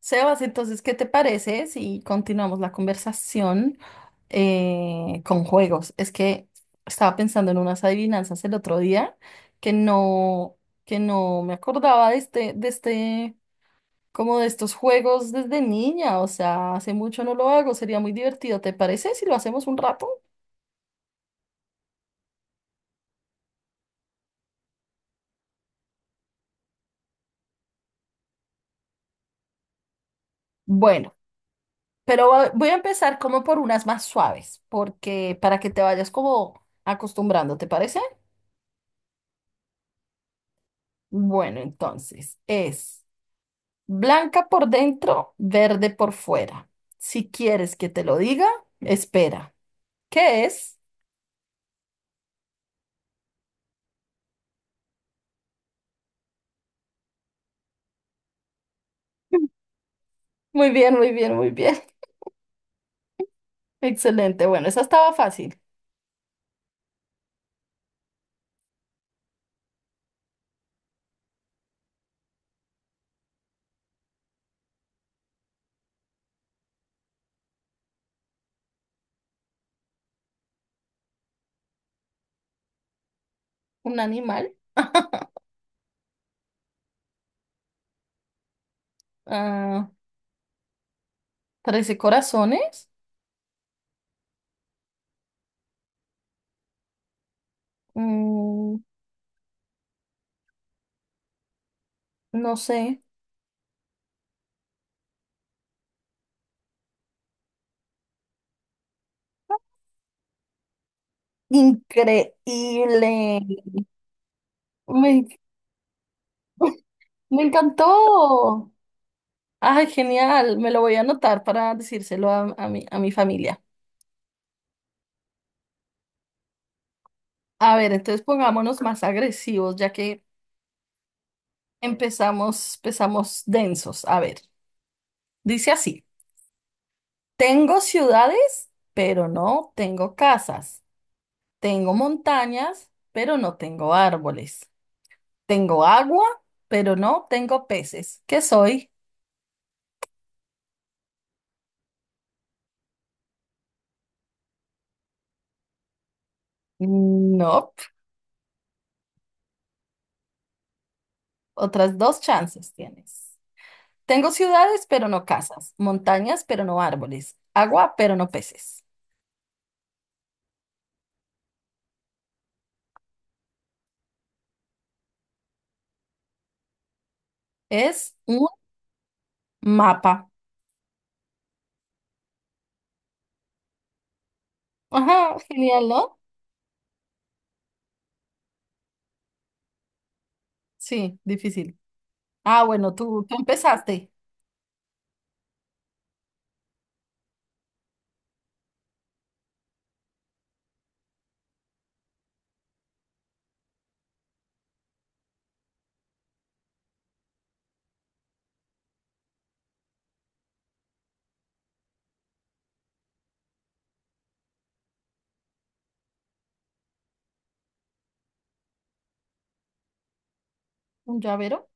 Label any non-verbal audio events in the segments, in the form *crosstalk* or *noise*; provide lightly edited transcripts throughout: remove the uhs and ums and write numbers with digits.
Sebas, entonces, ¿qué te parece si continuamos la conversación con juegos? Es que estaba pensando en unas adivinanzas el otro día que no, que no me acordaba como de estos juegos desde niña. O sea, hace mucho no lo hago, sería muy divertido. ¿Te parece si lo hacemos un rato? Bueno, pero voy a empezar como por unas más suaves, porque para que te vayas como acostumbrando, ¿te parece? Bueno, entonces es. Blanca por dentro, verde por fuera. Si quieres que te lo diga, espera. ¿Qué es? *laughs* Muy bien, muy bien, muy bien. *laughs* Excelente. Bueno, esa estaba fácil. Un animal. *laughs* Ah, 13 corazones. Mm, no sé. Increíble. Me, me encantó. Ay, genial. Me lo voy a anotar para decírselo a a mi familia. A ver, entonces pongámonos más agresivos, ya que empezamos, empezamos densos. A ver, dice así, tengo ciudades, pero no tengo casas. Tengo montañas, pero no tengo árboles. Tengo agua, pero no tengo peces. ¿Qué soy? No. Otras dos chances tienes. Tengo ciudades, pero no casas. Montañas, pero no árboles. Agua, pero no peces. Es un mapa. Ajá, genial, ¿no? Sí, difícil. Ah, bueno, tú empezaste. Un llavero,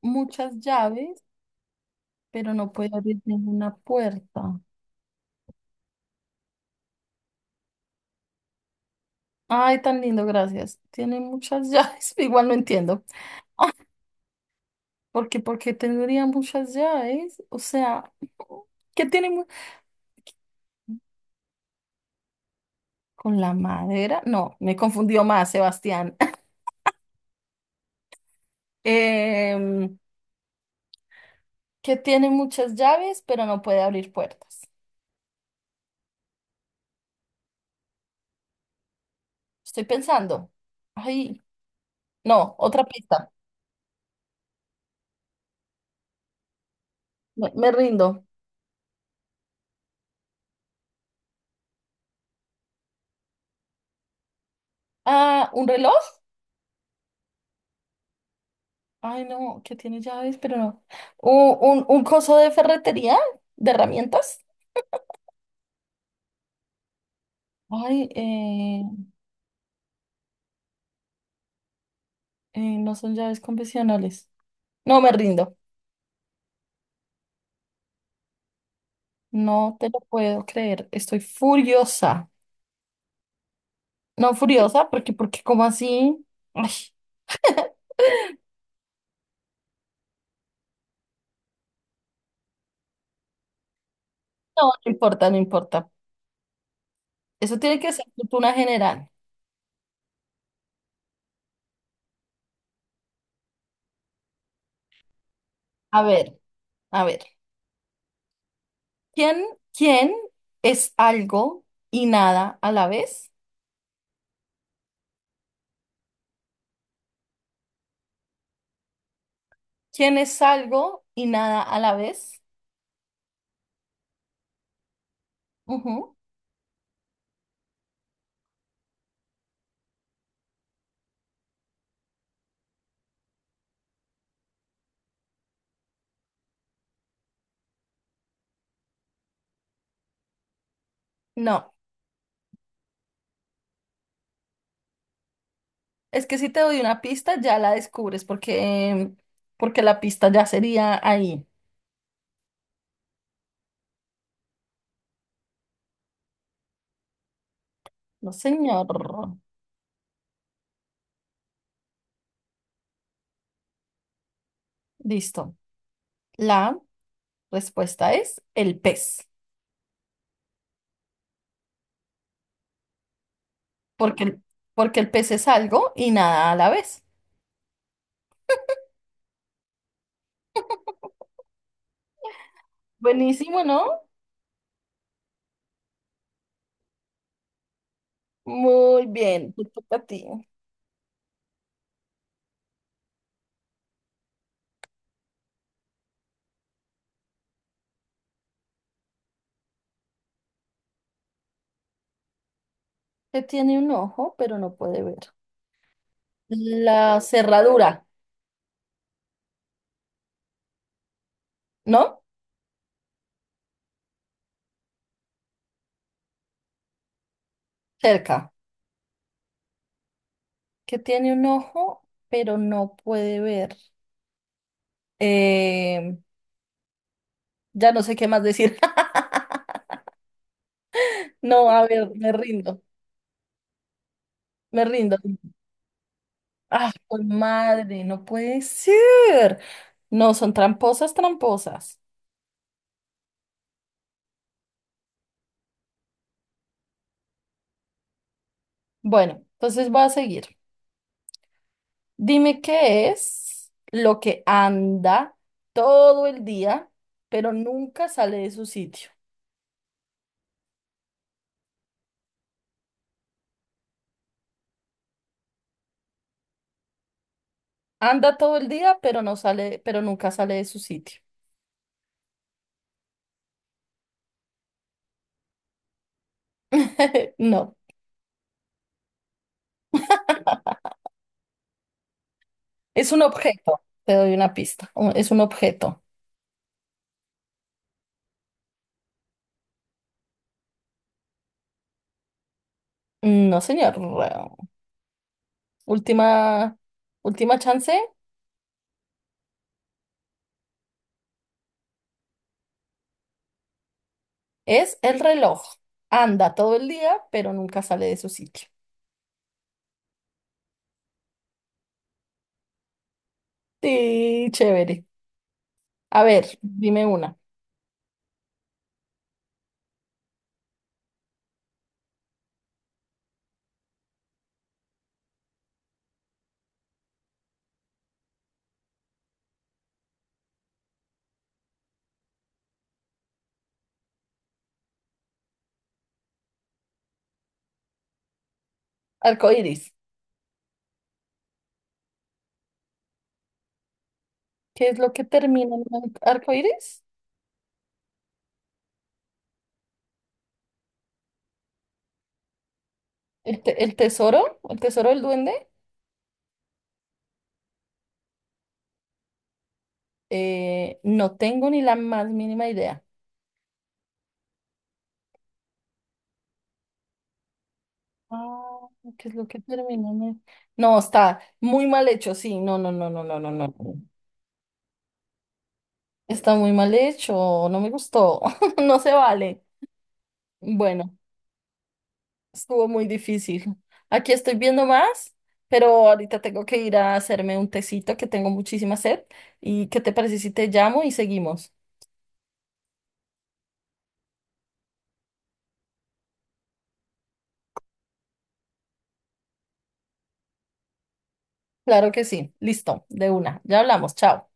muchas llaves, pero no puede abrir ninguna puerta. Ay, tan lindo, gracias. Tiene muchas llaves, *laughs* igual no entiendo. Porque tendría muchas llaves, o sea, ¿qué tiene mu- ¿con la madera? No, me confundió más, Sebastián. *laughs* Em, que tiene muchas llaves, pero no puede abrir puertas. Estoy pensando. Ay, no, otra pista. Me rindo. Ah, ¿un reloj? Ay, no, que tiene llaves, pero no. ¿Un coso de ferretería? ¿De herramientas? Ay, no son llaves convencionales. No me rindo. No te lo puedo creer. Estoy furiosa. No furiosa, porque ¿cómo así? Ay, no importa, no importa. Eso tiene que ser cultura general. A ver, a ver. ¿Quién, ¿quién es algo y nada a la vez? ¿Quién es algo y nada a la vez? Ujú. No. Es que si te doy una pista, ya la descubres porque la pista ya sería ahí. No, señor. Listo. La respuesta es el pez, porque el, porque el pez es algo y nada a la vez. Buenísimo, ¿no? Muy bien, te toca a ti. Que tiene un ojo, pero no puede ver. La cerradura, ¿no? Cerca. Que tiene un ojo, pero no puede ver. Eh, ya no sé qué más decir. *laughs* No, a ver, me rindo. Ah, por madre, no puede ser. No, son tramposas, tramposas. Bueno, entonces voy a seguir. Dime qué es lo que anda todo el día, pero nunca sale de su sitio. Anda todo el día, pero nunca sale de su sitio. *laughs* No, es un objeto. Te doy una pista. Es un objeto. No, señor. Última, última chance. Es el reloj. Anda todo el día, pero nunca sale de su sitio. Sí, chévere. A ver, dime una. Arcoíris. ¿Qué es lo que termina en un arcoíris? ¿El, el tesoro? ¿El tesoro del duende? No tengo ni la más mínima idea. Ah, ¿qué es lo que termina en el- No, está muy mal hecho, sí. No, no, no, no, no, no, no. Está muy mal hecho. No me gustó. *laughs* No se vale. Bueno. Estuvo muy difícil. Aquí estoy viendo más, pero ahorita tengo que ir a hacerme un tecito que tengo muchísima sed. ¿Y qué te parece si te llamo y seguimos? Claro que sí. Listo, de una. Ya hablamos. Chao.